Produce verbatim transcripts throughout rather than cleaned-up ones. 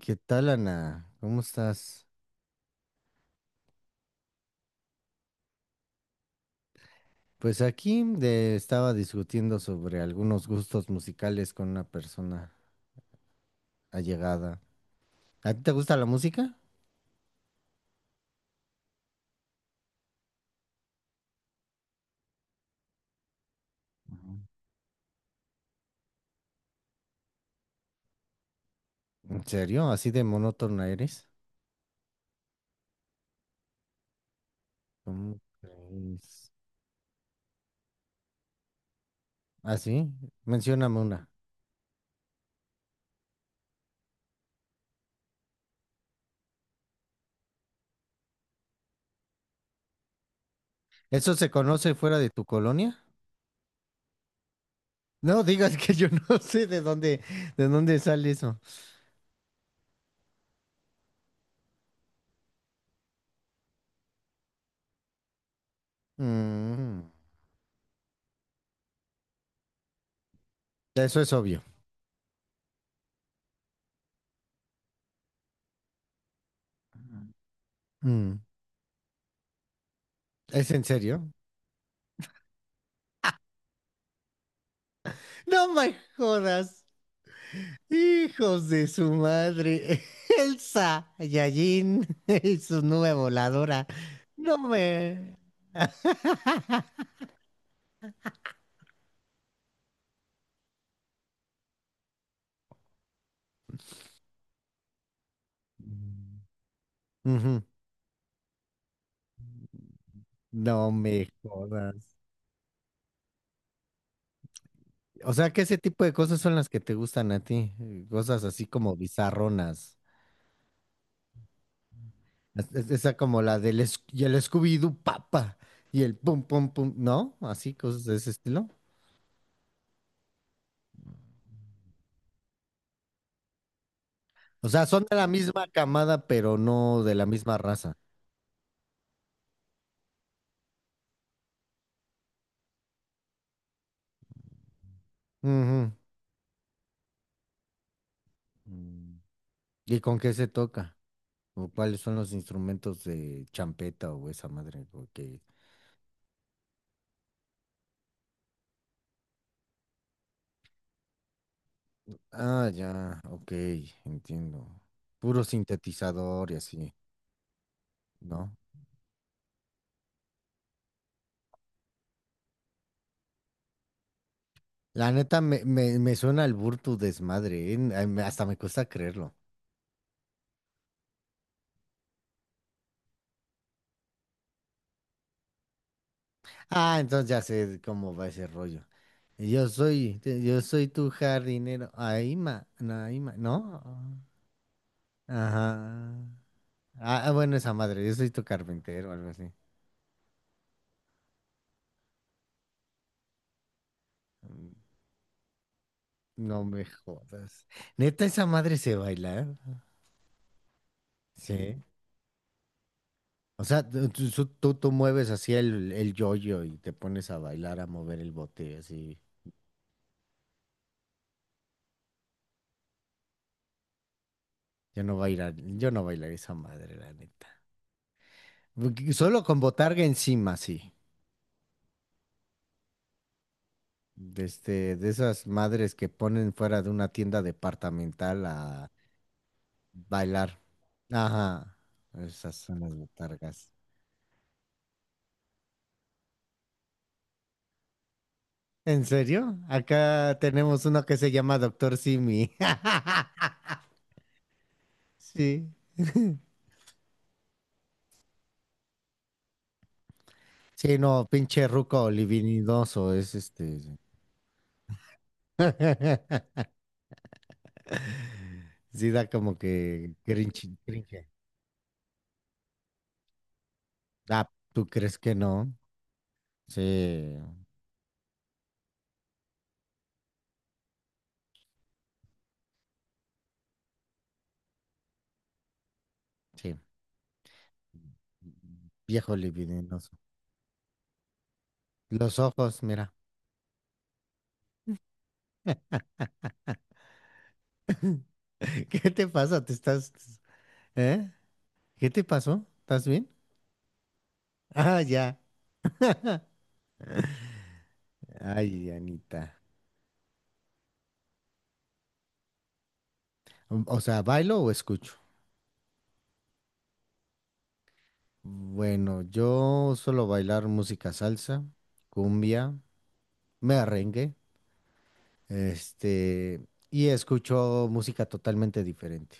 ¿Qué tal, Ana? ¿Cómo estás? Pues aquí de- estaba discutiendo sobre algunos gustos musicales con una persona allegada. ¿A ti te gusta la música? ¿En serio? ¿Así de monótona eres? ¿Cómo crees? ¿Ah, sí? Mencióname una. ¿Eso se conoce fuera de tu colonia? No digas que yo no sé de dónde, de dónde sale eso. Mm, eso es obvio. Mm, ¿es en serio? No me jodas. Hijos de su madre. Elsa Saiyajin y su nube voladora. No me... Ujú. No me jodas. O sea, que ese tipo de cosas son las que te gustan a ti. eh, Cosas así como bizarronas. Es- es- Esa como la del Sc- y el Scooby-Doo Papa y el pum pum pum, ¿no? Así, cosas de ese estilo. O sea, son de la misma camada, pero no de la misma raza. Ujú. Mm. ¿Y con qué se toca? ¿O cuáles son los instrumentos de champeta o esa madre? Porque... Ah, ya, ok, entiendo. Puro sintetizador y así, ¿no? La neta me, me, me suena el burro tu desmadre, ¿eh? Ay, me- hasta me cuesta creerlo. Ah, entonces ya sé cómo va ese rollo. Yo soy, te- yo soy tu jardinero. Aima, Naima, ¿no? Ajá. Ah, ah, bueno, esa madre, yo soy tu carpintero o algo así. Mm, no me jodas. Neta, esa madre se baila, ¿eh? Sí. O sea, tú, tú- tú- tú mueves así el, el yoyo y te pones a bailar, a mover el bote, así. Yo no bailar, yo no bailaré esa madre, la neta. Porque solo con botarga encima, sí. De, este, de esas madres que ponen fuera de una tienda departamental a bailar. Ajá. Esas son las botargas. ¿En serio? Acá tenemos uno que se llama Doctor Simi. Sí. Sí, no, pinche ruco olivinidoso es este. Sí da como que cringe, cringe. Ah, ¿tú crees que no? Sí, sí. Viejo libidinoso. Los ojos, mira. ¿Qué te pasa? ¿Te estás... ¿Eh? ¿Qué te pasó? ¿Estás bien? Ah, ya. Ay, Anita. O o sea, ¿bailo o escucho? Bueno, yo suelo bailar música salsa, cumbia, merengue, este, y escucho música totalmente diferente.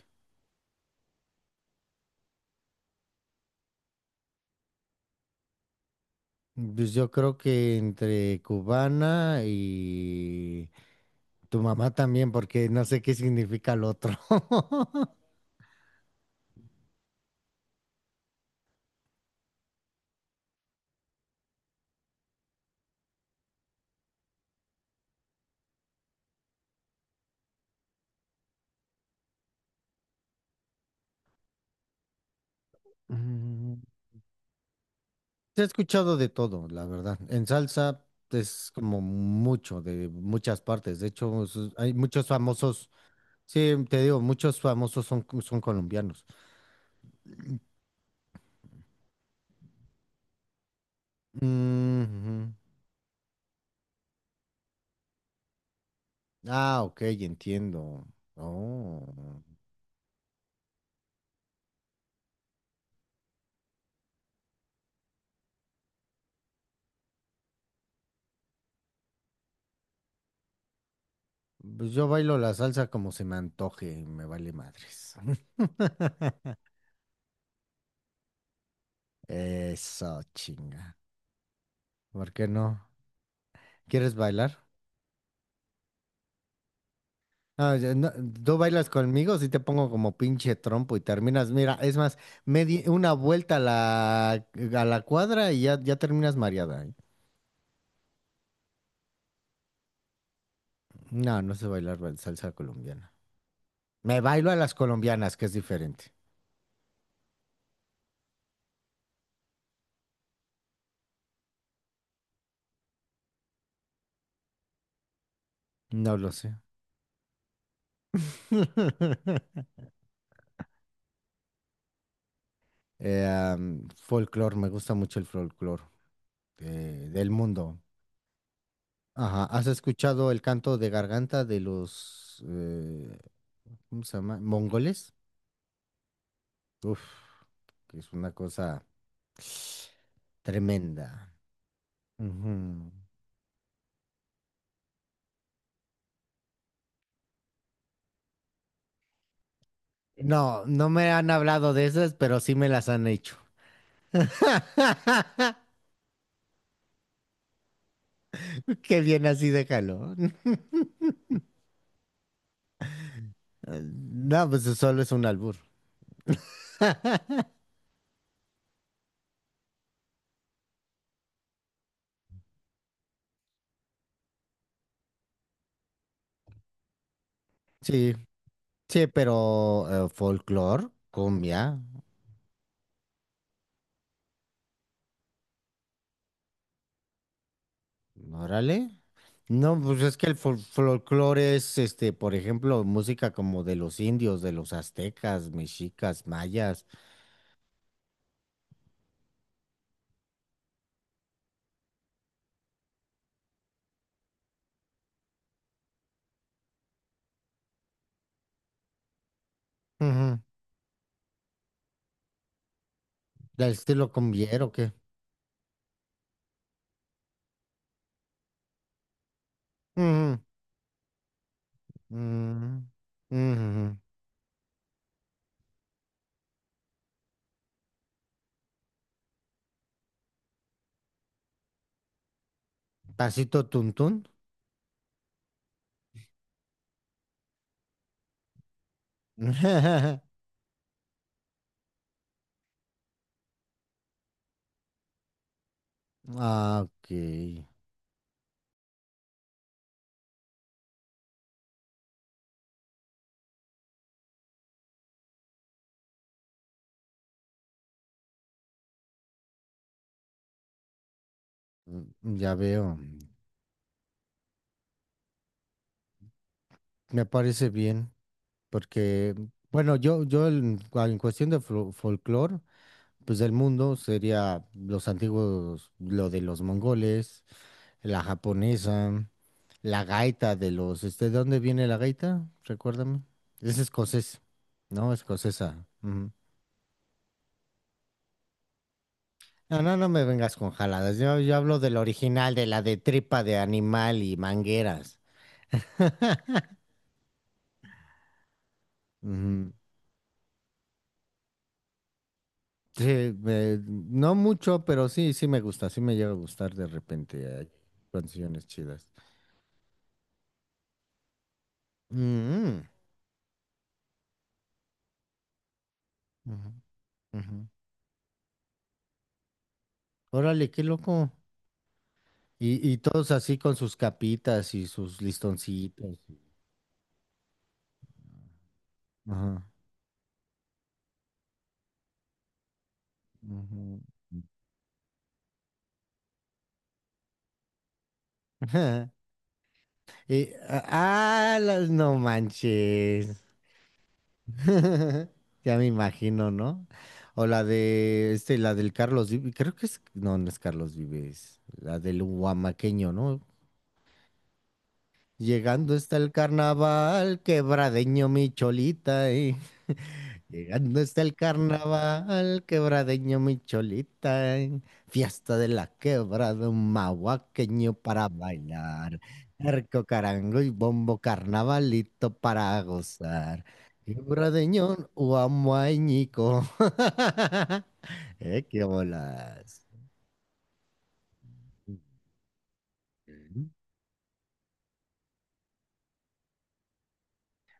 Pues yo creo que entre cubana y tu mamá también, porque no sé qué significa el otro. Mm, he escuchado de todo, la verdad. En salsa es como mucho, de muchas partes. De hecho, es- hay muchos famosos. Sí, te digo, muchos famosos son, co- son colombianos. Mm, ujú. Ah, ok, entiendo. Oh. Pues yo bailo la salsa como se me antoje, me vale madres. Eso, chinga. ¿Por qué no? ¿Quieres bailar? Ah, ya, no, ¿tú bailas conmigo? Si te pongo como pinche trompo y terminas. Mira, es más, me di una vuelta a la, a la cuadra y ya, ya terminas mareada, ¿eh? No, no sé bailar ba- salsa colombiana. Me bailo a las colombianas, que es diferente. No lo sé. Eh, am, folclor, me gusta mucho el folclor eh, del mundo. Ajá, ¿has escuchado el canto de garganta de los, eh, ¿cómo se llama? Mongoles. Uf, que es una cosa tremenda. Ujú. No, no me han hablado de esas, pero sí me las han hecho. Qué bien así, déjalo. No, pues solo es un albur. Sí, sí, pero folklore, cumbia. Órale. No, pues es que el fol- folclore es, este, por ejemplo, música como de los indios, de los aztecas, mexicas, mayas, ujú. ¿Del estilo cumbiero, o qué? Ujú, ujú, ujú. Pasito tuntún. Ah, ok. Mm, ya veo. Me parece bien, porque, bueno, yo, yo en, cua- en cuestión de folclore, pues del mundo sería los antiguos, lo de los mongoles, la japonesa, la gaita de los, este, ¿de dónde viene la gaita? Recuérdame. Es escocés, ¿no? Escocesa. Ujú. No, no, no me vengas con jaladas. Yo, yo hablo del original, de la de tripa de animal y mangueras. Ujú. Sí, me- no mucho, pero sí, sí me gusta, sí me llega a gustar de repente. Hay canciones chidas. Mm, mm. Ujú, ujú. Órale, qué loco. Y, y todos así con sus capitas y sus listoncitos. Ajá. Ujú. Y- ah, las- no manches. Ya me imagino, ¿no? O la de este, la del Carlos Vives, creo que es, no, no es Carlos Vives, la del huamaqueño, ¿no? Llegando está el carnaval, quebradeño mi cholita. Llegando está el carnaval, quebradeño mi cholita, eh, fiesta de la quebrada, un mahuaqueño para bailar. Arco, carango y bombo, carnavalito para gozar. Quebradeño, huamuañico. Eh, qué bolas. Ujú.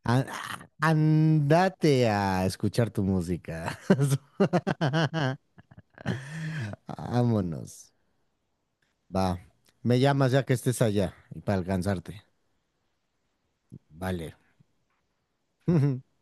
A- a- Andate a escuchar tu música. Vámonos. Va. Me llamas ya que estés allá y para alcanzarte. Vale.